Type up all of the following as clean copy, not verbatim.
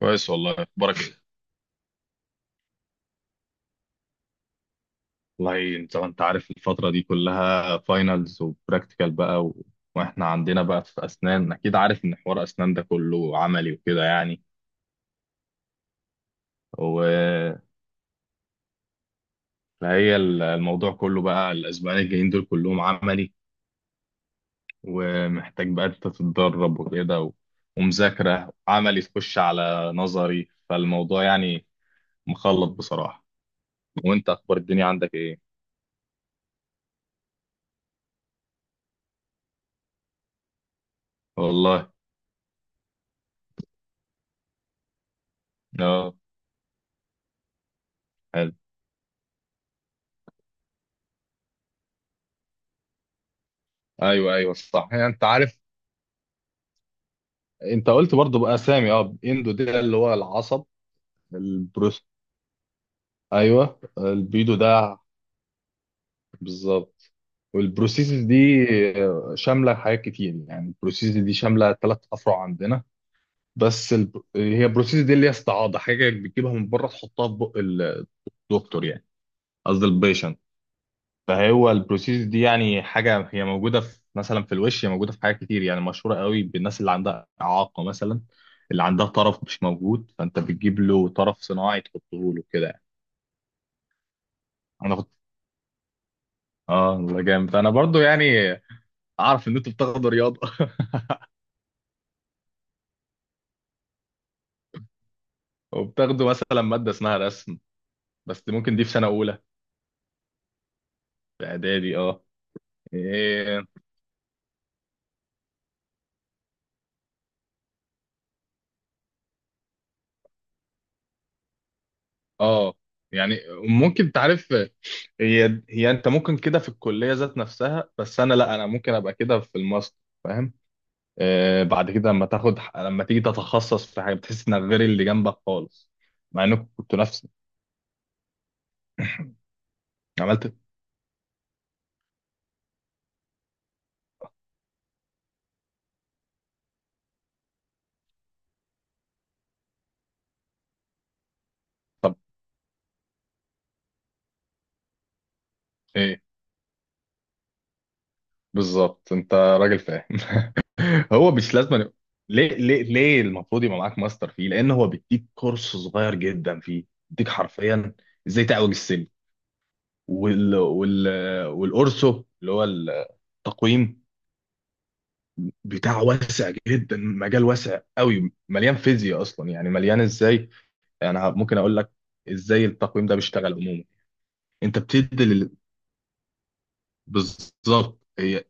كويس والله، اخبارك ايه؟ والله انت عارف الفتره دي كلها فاينلز وبراكتيكال بقى واحنا عندنا بقى في اسنان، اكيد عارف ان حوار اسنان ده كله عملي وكده يعني. و... فهي الموضوع كله بقى الاسبوعين الجايين دول كلهم عملي، ومحتاج بقى انت تتدرب وكده. ومذاكره عملي تخش على نظري فالموضوع يعني مخلط بصراحه. وانت اخبار الدنيا عندك ايه؟ والله. اه، حلو. ايوه ايوه صح. هي انت عارف، انت قلت برضو بقى سامي، اه، اندو ده اللي هو العصب. البروس، ايوه البيدو ده. بالظبط. والبروسيسز دي شامله حاجات كتير، يعني البروسيسز دي شامله ثلاث افرع عندنا. بس هي البروسيسز دي اللي هي استعاضه، حاجه بتجيبها من بره تحطها في بق الدكتور، يعني قصدي البيشنت. فهو البروسيس دي يعني حاجة هي موجودة في، مثلا في الوش، هي موجودة في حاجات كتير يعني، مشهورة قوي بالناس اللي عندها إعاقة مثلا، اللي عندها طرف مش موجود فأنت بتجيب له طرف صناعي تحطه له كده يعني. أنا كنت، آه والله جامد. فأنا برضو يعني أعرف إن أنتوا بتاخدوا رياضة وبتاخدوا مثلا مادة اسمها رسم، بس ممكن دي في سنة أولى، في إعدادي آه. إيه، آه يعني ممكن تعرف، هي أنت ممكن كده في الكلية ذات نفسها، بس أنا لا، أنا ممكن أبقى كده في الماستر، فاهم؟ آه، بعد كده لما تاخد، لما تيجي تتخصص في حاجه بتحس انك غير اللي جنبك خالص، مع انكم كنتوا نفس. عملت ايه؟ بالظبط، انت راجل فاهم هو مش لازم يبقى، ليه ليه ليه المفروض يبقى معاك ماستر فيه؟ لان هو بيديك كورس صغير جدا فيه، بيديك حرفيا ازاي تعوج السلم، وال والاورسو اللي هو التقويم بتاعه واسع جدا، مجال واسع قوي، مليان فيزياء اصلا، يعني مليان ازاي. يعني انا ممكن اقول لك ازاي التقويم ده بيشتغل عموما. انت بتدي لل... بالظبط، هي،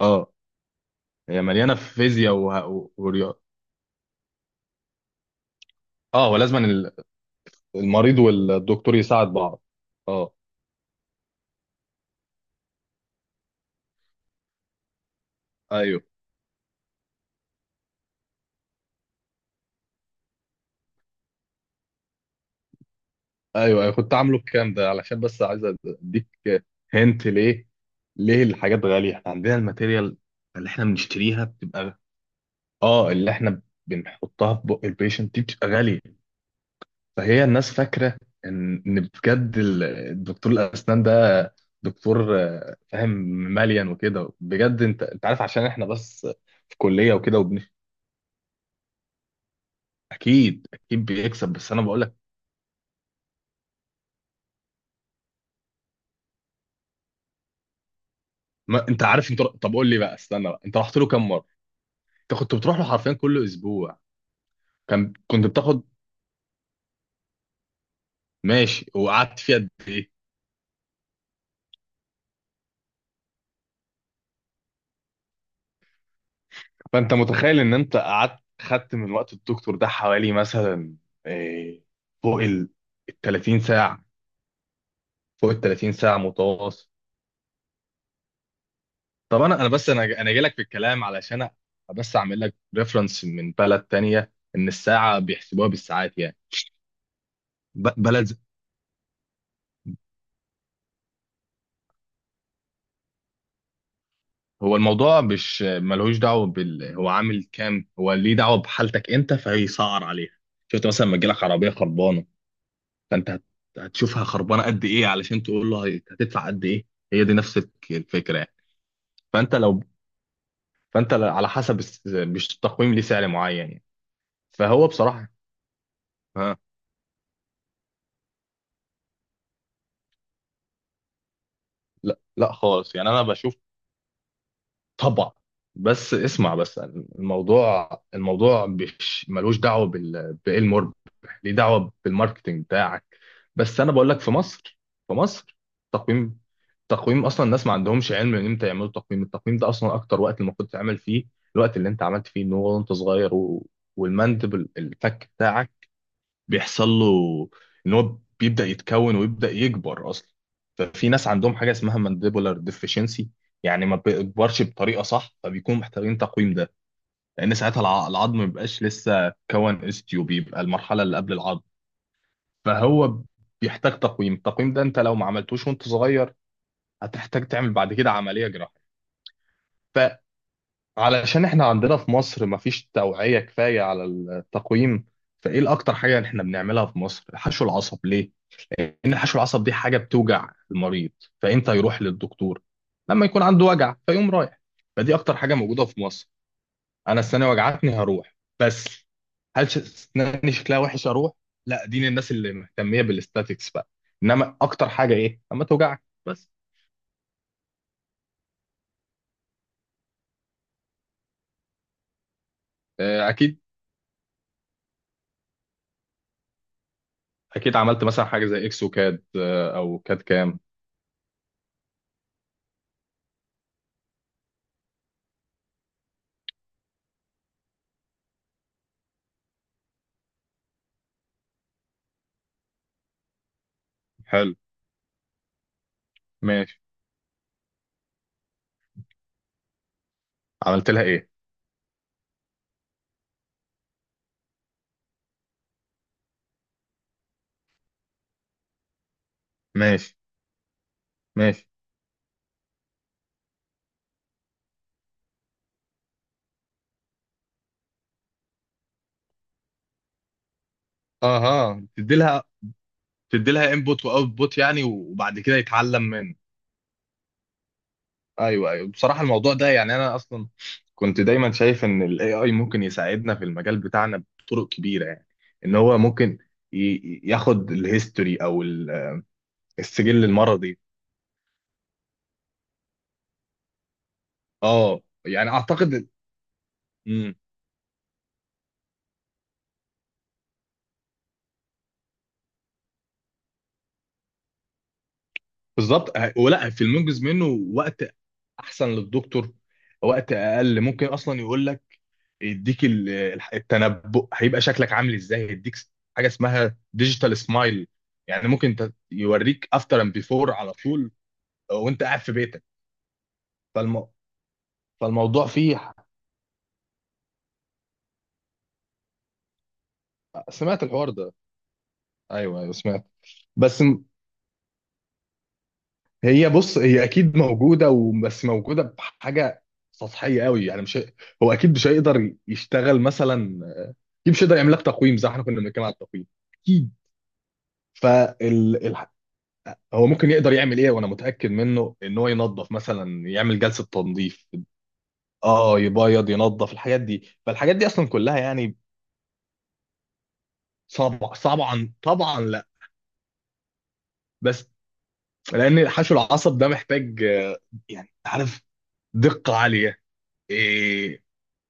اه هي مليانه في فيزياء ورياضه. اه، ولازم المريض والدكتور يساعد بعض. اه، ايوه ايوه، ايوه كنت عامله بكام ده علشان بس عايز اديك. هنت ليه ليه الحاجات غاليه؟ احنا عندنا الماتيريال اللي احنا بنشتريها بتبقى، اه، اللي احنا بنحطها في بق البيشنت دي بتبقى غاليه. فهي الناس فاكره ان، إن بجد الدكتور الاسنان ده دكتور، آه، فاهم، مليان وكده بجد. انت انت عارف عشان احنا بس في كليه وكده وبن. اكيد اكيد بيكسب، بس انا بقول لك. ما انت عارف. انت طب قول لي بقى، استنى بقى، انت رحت له كام مره؟ انت كنت بتروح له حرفيا كل اسبوع؟ كان كنت بتاخد. ماشي، وقعدت فيه قد ايه؟ فانت متخيل ان انت قعدت خدت من وقت الدكتور ده حوالي مثلا، آه، فوق ال 30 ساعه، فوق ال 30 ساعه متواصل. طب انا انا بس انا انا جاي لك في الكلام علشان بس اعمل لك ريفرنس من بلد تانية ان الساعه بيحسبوها بالساعات يعني. ب- بلد ز- هو الموضوع مش ملهوش دعوه بال، هو عامل كام، هو ليه دعوه بحالتك انت، فهيسعر عليها. شفت مثلا لما تجيلك عربيه خربانه، فانت هت- هتشوفها خربانه قد ايه علشان تقول له هتدفع قد ايه. هي دي نفس الفكره يعني. فانت لو، على حسب مش التقويم ليه سعر معين يعني. فهو بصراحه، ها، لا لا خالص يعني، انا بشوف. طبعا، بس اسمع بس، الموضوع مش ملوش دعوه بال، بايه المربح، ليه دعوه بالماركتنج بتاعك. بس انا بقول لك، في مصر، تقويم تقويم اصلا الناس ما عندهمش علم ان امتى يعملوا تقويم. التقويم ده اصلا اكتر وقت المفروض تعمل فيه الوقت اللي انت عملت فيه، ان هو وانت صغير، والمندب، الفك بتاعك بيحصل له ان هو بيبدا يتكون ويبدا يكبر اصلا. ففي ناس عندهم حاجه اسمها مانديبولار ديفيشنسي، يعني ما بيكبرش بطريقه صح، فبيكونوا محتاجين تقويم ده. لان ساعتها العظم ما بيبقاش لسه كون استيو، بيبقى المرحله اللي قبل العظم، فهو بيحتاج تقويم. التقويم ده انت لو ما عملتوش وانت صغير، هتحتاج تعمل بعد كده عمليه جراحيه، علشان احنا عندنا في مصر مفيش توعية كفاية على التقويم. فايه الاكتر حاجة احنا بنعملها في مصر؟ حشو العصب. ليه؟ لان حشو العصب دي حاجة بتوجع المريض، فامتى يروح للدكتور؟ لما يكون عنده وجع فيقوم رايح، فدي اكتر حاجة موجودة في مصر. انا السنة وجعتني هروح بس. اسناني شكلها وحش اروح؟ لا، دي الناس اللي مهتمية بالاستاتيكس بقى، انما اكتر حاجة ايه؟ اما توجعك بس. آه، اكيد اكيد. عملت مثلا حاجة زي اكسو كاد، آه، او كاد كام؟ حلو. ماشي. عملت لها ايه؟ ماشي. ماشي. اها تدي لها، تدي لها انبوت واوتبوت يعني، وبعد كده يتعلم منه. ايوه ايوه، بصراحه الموضوع ده يعني، انا اصلا كنت دايما شايف ان الاي اي ممكن يساعدنا في المجال بتاعنا بطرق كبيره يعني، ان هو ممكن ياخد الهيستوري او السجل المرضي. اه يعني اعتقد. امم، بالظبط، ولا في المنجز منه، وقت احسن للدكتور، وقت اقل. ممكن اصلا يقول لك، يديك التنبؤ هيبقى شكلك عامل ازاي، يديك حاجه اسمها ديجيتال سمايل، يعني ممكن يوريك افتر اند بيفور على طول وانت قاعد في بيتك. فالم... فالموضوع فيه سمعت الحوار ده. ايوه ايوه سمعت. بس م- هي بص، هي اكيد موجوده، وبس موجوده بحاجه سطحيه قوي يعني، مش هو اكيد مش هيقدر يشتغل مثلا، اكيد مش هيقدر يعمل لك تقويم زي ما احنا كنا بنتكلم على التقويم، اكيد. فالحقيقه، هو ممكن يقدر يعمل ايه وانا متاكد منه ان هو ينظف مثلا، يعمل جلسه تنظيف. اه يبيض، ينظف، الحاجات دي، فالحاجات دي اصلا كلها يعني صعبه، طبعا طبعا لا. بس لان حشو العصب ده محتاج، آه، يعني عارف، دقه عاليه. إيه،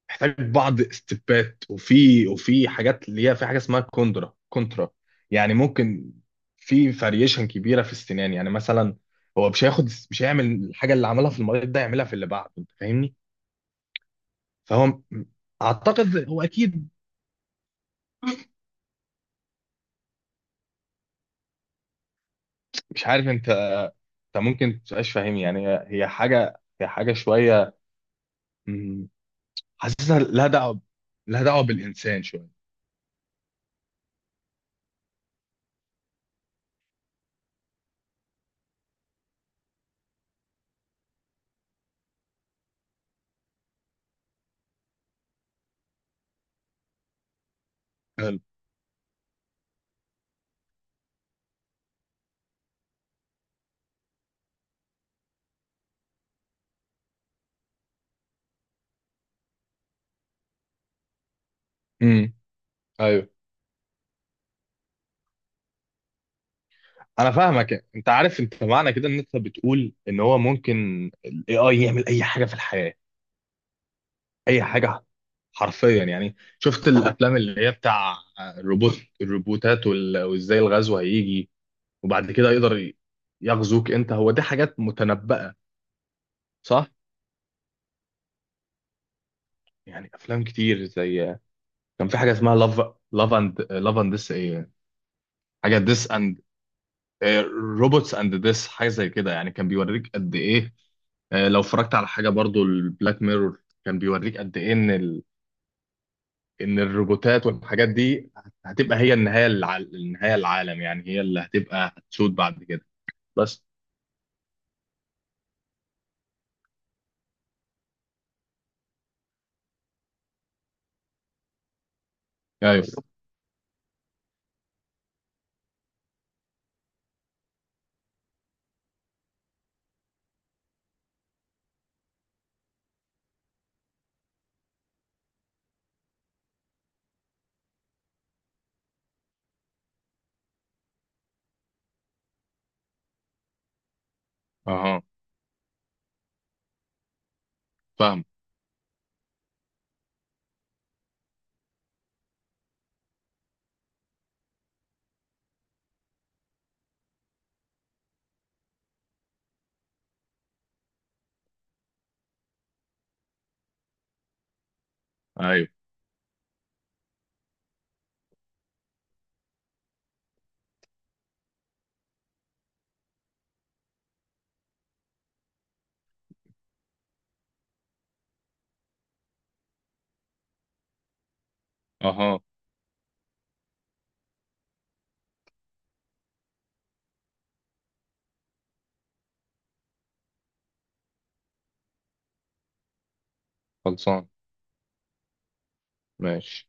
محتاج بعض استبات، وفي وفي حاجات اللي هي، في حاجه اسمها كوندرا كونترا، يعني ممكن في فاريشن كبيره في السنان، يعني مثلا هو مش هياخد، مش هيعمل الحاجه اللي عملها في المريض ده يعملها في اللي بعده، انت فاهمني؟ فهو م- اعتقد هو اكيد. مش عارف انت، انت ممكن متبقاش فاهم يعني، هي حاجه هي حاجه شويه، مم، حاسسها لها دعوه، لها دعوه بالانسان شويه. حلو. امم. ايوه، انا فاهمك. انت عارف انت معنى كده ان انت بتقول ان هو ممكن الاي اي يعمل اي حاجه في الحياه، اي حاجه حرفيا، يعني شفت الافلام اللي هي بتاع الروبوت، الروبوتات وازاي الغزو هيجي، وبعد كده يقدر يغزوك انت. هو دي حاجات متنبأة، صح. يعني افلام كتير، زي كان في حاجه اسمها لاف، لاف اند، لاف اند ديس ايه، حاجه ديس اند روبوتس اند ديس، حاجه زي كده يعني، كان بيوريك قد ايه. آه، لو اتفرجت على حاجه برضو، البلاك ميرور، كان بيوريك قد ايه ان ال، ان الروبوتات والحاجات دي هتبقى هي النهايه، النهايه العالم يعني، هي اللي هتبقى هتسود بعد كده بس. ايوه. اها، فاهم. ايوه. اها. خلصان. ماشي.